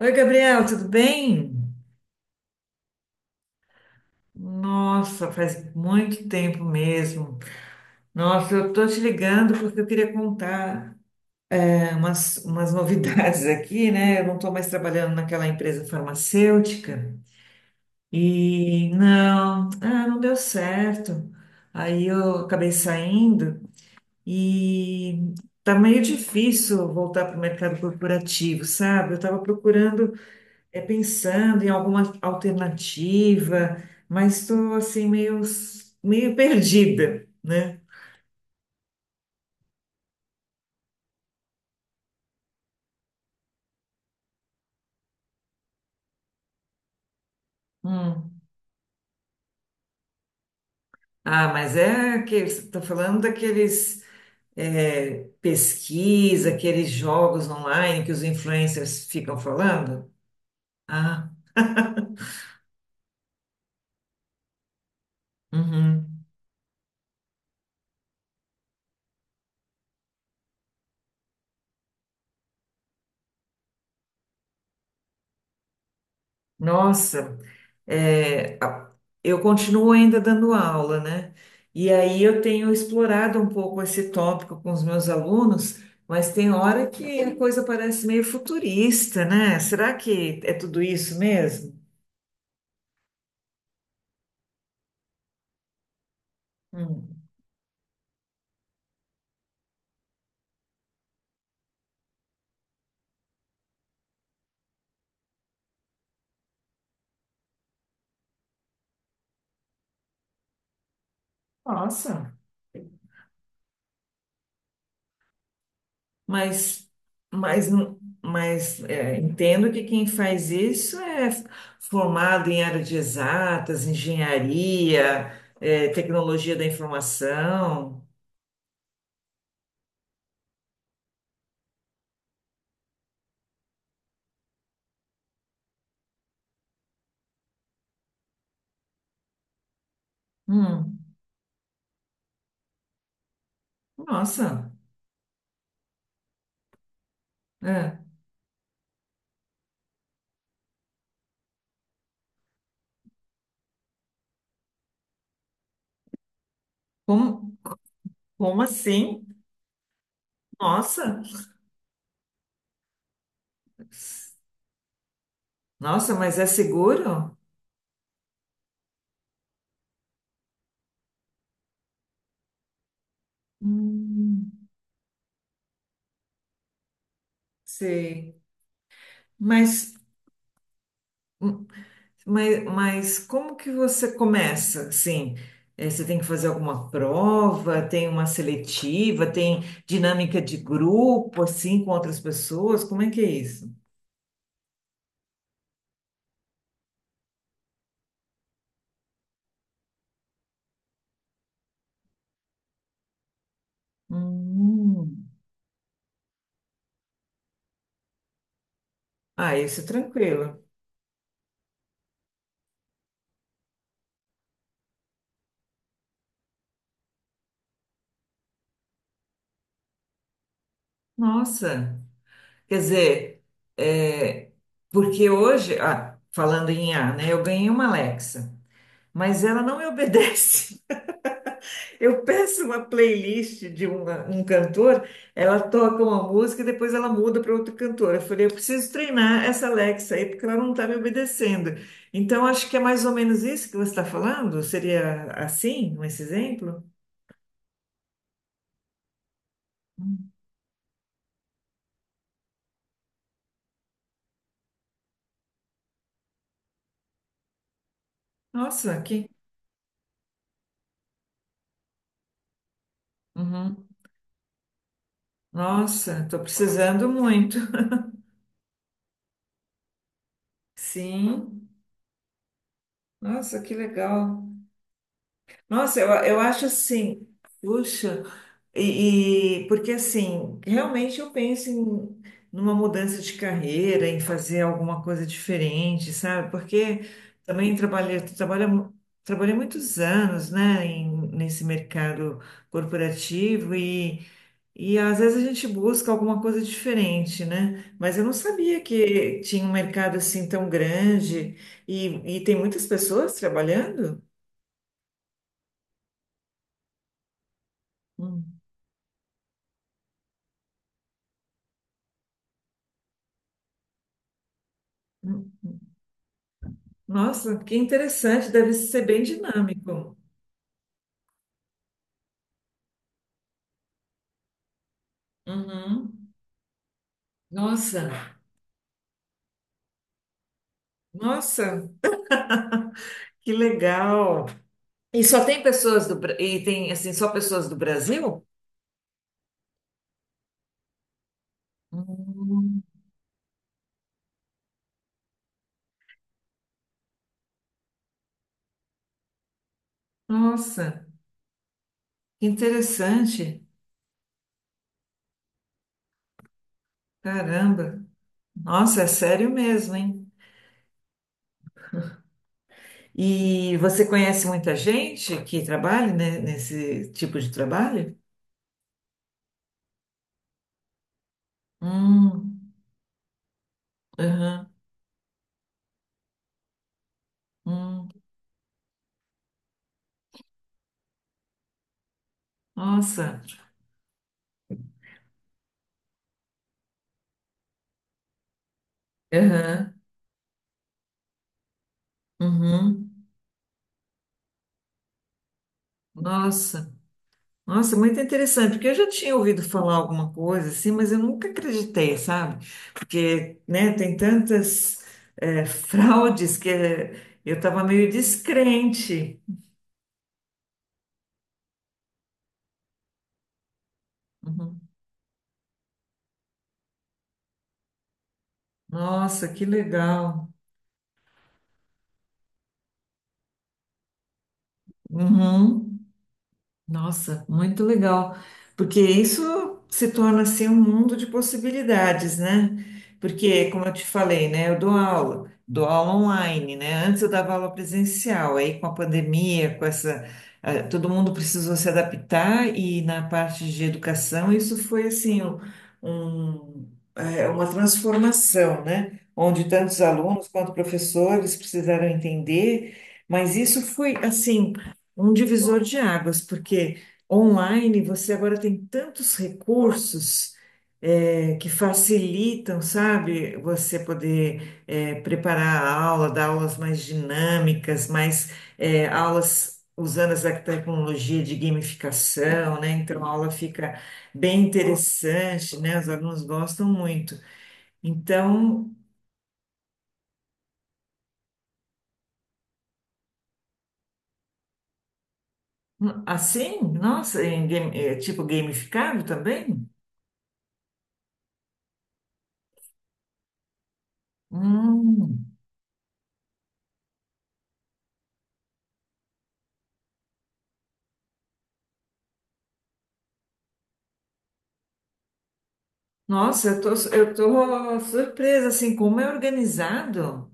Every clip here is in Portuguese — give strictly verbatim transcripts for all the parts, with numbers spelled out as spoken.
Oi, Gabriel, tudo bem? Nossa, faz muito tempo mesmo. Nossa, eu tô te ligando porque eu queria contar é, umas, umas novidades aqui, né? Eu não tô mais trabalhando naquela empresa farmacêutica e não, ah, não deu certo. Aí eu acabei saindo e tá meio difícil voltar para o mercado corporativo, sabe? Eu tava procurando é pensando em alguma alternativa, mas estou assim meio, meio perdida, né? Hum. Ah, mas é que você está falando daqueles é, pesquisa, aqueles jogos online que os influencers ficam falando? Ah, uhum. Nossa, é, a- eu continuo ainda dando aula, né? E aí eu tenho explorado um pouco esse tópico com os meus alunos, mas tem hora que a coisa parece meio futurista, né? Será que é tudo isso mesmo? Hum. Nossa, mas, mas, não- mas é, entendo que quem faz isso é formado em área de exatas, engenharia, é, tecnologia da informação. Hum. Nossa, é. Como, como assim? Nossa, nossa, mas é seguro? Hum, sei. Mas, mas, mas como que você começa? Sim, é, você tem que fazer alguma prova, tem uma seletiva, tem dinâmica de grupo, assim, com outras pessoas? Como é que é isso? Hum, ah, isso é tranquilo. Nossa. Quer dizer, é, porque hoje, ah, falando em A, né, eu ganhei uma Alexa, mas ela não me obedece. Eu peço uma playlist de uma- um cantor, ela toca uma música e depois ela muda para outro cantor. Eu falei, eu preciso treinar essa Alexa aí, porque ela não está me obedecendo. Então, acho que é mais ou menos isso que você está falando? Seria assim, esse exemplo? Nossa, aqui. Uhum. Nossa, estou precisando muito. Sim, nossa, que legal. Nossa, eu, eu acho assim, puxa, e, e- porque assim, realmente eu penso em numa mudança de carreira, em fazer alguma coisa diferente, sabe? Porque também trabalhei, trabalha, trabalhei muitos anos, né, em- nesse mercado corporativo e, e às vezes a gente busca alguma coisa diferente, né? Mas eu não sabia que tinha um mercado assim tão grande e, e tem muitas pessoas trabalhando. Hum. Hum. Nossa, que interessante, deve ser bem dinâmico. Uhum. Nossa, nossa, que legal. E só tem pessoas do Bra- e tem assim só pessoas do Brasil? Hum, Nossa, que interessante. Caramba. Nossa, é sério mesmo, hein? E você conhece muita gente que trabalha, né, nesse tipo de trabalho? Hum, aham, hum, nossa, aham, uhum, nossa. Nossa, muito interessante, porque eu já tinha ouvido falar alguma coisa assim, mas eu nunca acreditei, sabe? Porque, né, tem tantas eh, fraudes que eh, eu estava meio descrente. Uhum. Nossa, que legal. Uhum. Nossa, muito legal, porque isso se torna assim um mundo de possibilidades, né? Porque, como eu te falei, né, eu dou aula, dou aula online, né? Antes eu dava aula presencial, aí com a pandemia, com essa, eh, todo mundo precisou se adaptar e na parte de educação isso foi assim um, um, eh, uma transformação, né? Onde tantos alunos quanto professores precisaram entender, mas isso foi assim um divisor de águas, porque online você agora tem tantos recursos eh, que facilitam, sabe, você poder eh, preparar a aula, dar aulas mais dinâmicas, mais eh, aulas usando essa tecnologia de gamificação, né? Então a aula fica bem interessante, né? Os alunos gostam muito. Então, hum, assim, nossa, em game- eh, tipo gamificado também? Hum. Nossa, eu tô, eu tô surpresa, assim, como é organizado.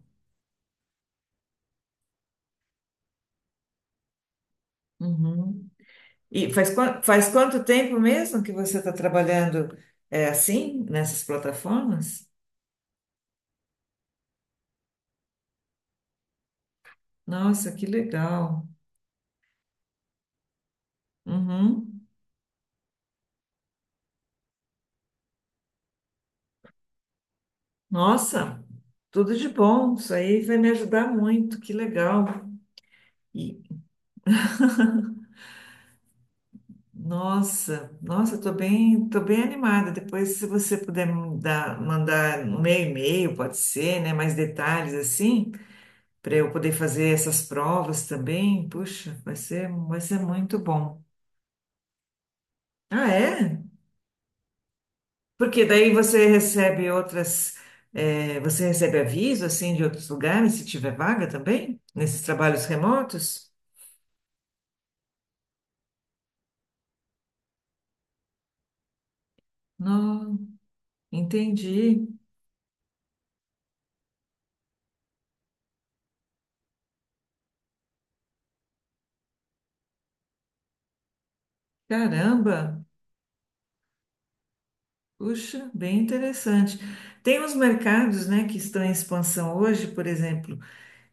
Uhum. E faz, quan- faz quanto tempo mesmo que você está trabalhando é, assim, nessas plataformas? Nossa, que legal. Uhum. Nossa, tudo de bom. Isso aí vai me ajudar muito, que legal. E, nossa, nossa, eu tô bem, tô bem animada. Depois, se você puder mandar, mandar no meu e-mail, pode ser, né, mais detalhes assim. Para eu poder fazer essas provas também. Puxa, vai ser, vai ser muito bom. Ah, é? Porque daí você recebe outras, eh, você recebe aviso assim de outros lugares se tiver vaga também nesses trabalhos remotos? Não, entendi. Caramba. Puxa, bem interessante. Tem uns mercados, né, que estão em expansão hoje, por exemplo,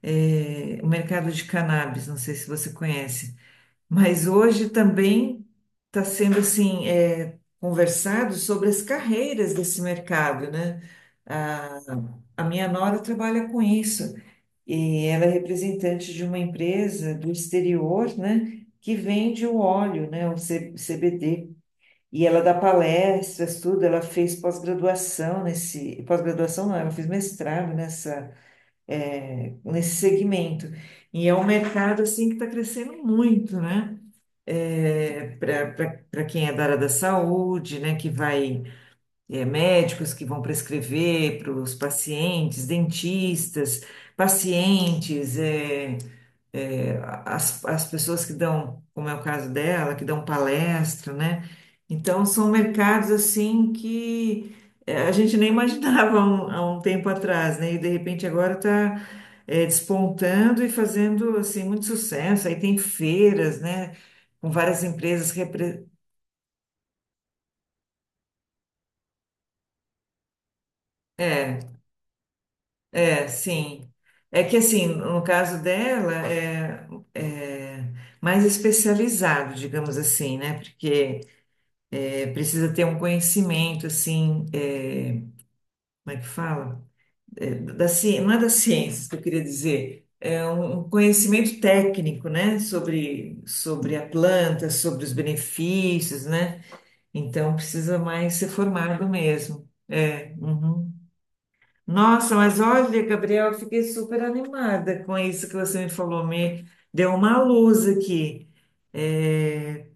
eh, o mercado de cannabis, não sei se você conhece. Mas hoje também está sendo assim é, conversado sobre as carreiras desse mercado, né? A, a minha nora trabalha com isso e ela é representante de uma empresa do exterior, né? Que vende o óleo, né? O C- CBD. E ela dá palestras, tudo. Ela fez pós-graduação nesse pós-graduação não, ela fez mestrado nessa é, nesse segmento. E é um mercado assim que está crescendo muito, né? Para quem é da área da saúde, né, que vai, é, médicos que vão prescrever para os pacientes, dentistas, pacientes, é, é, as, as pessoas que dão, como é o caso dela, que dão palestra, né? Então, são mercados assim que é, a gente nem imaginava há um, há um tempo atrás, né? E de repente agora está despontando e fazendo assim muito sucesso. Aí tem feiras, né? Com várias empresas repre... É, é, sim. É que assim, no caso dela, é, é mais especializado, digamos assim, né? Porque precisa ter um conhecimento, assim, é, como é que fala? É, da, ci- não é das ciências que eu queria dizer, é um um conhecimento técnico, né? Sobre, sobre a planta, sobre os benefícios, né? Então, precisa mais ser formado mesmo. É, uhum. Nossa, mas olha, Gabriel, eu fiquei super animada com isso que você me falou, me deu uma luz aqui. É,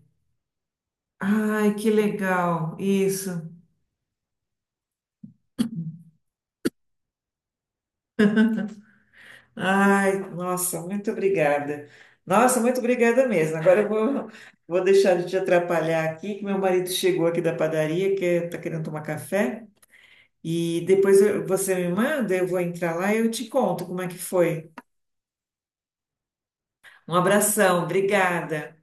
ai, que legal, isso. Ai, nossa, muito obrigada. Nossa, muito obrigada mesmo. Agora eu vou, vou deixar de te atrapalhar aqui, que meu marido chegou aqui da padaria, que está querendo tomar café. E depois eu- você me manda, eu vou entrar lá e eu te conto como é que foi. Um abração, obrigada.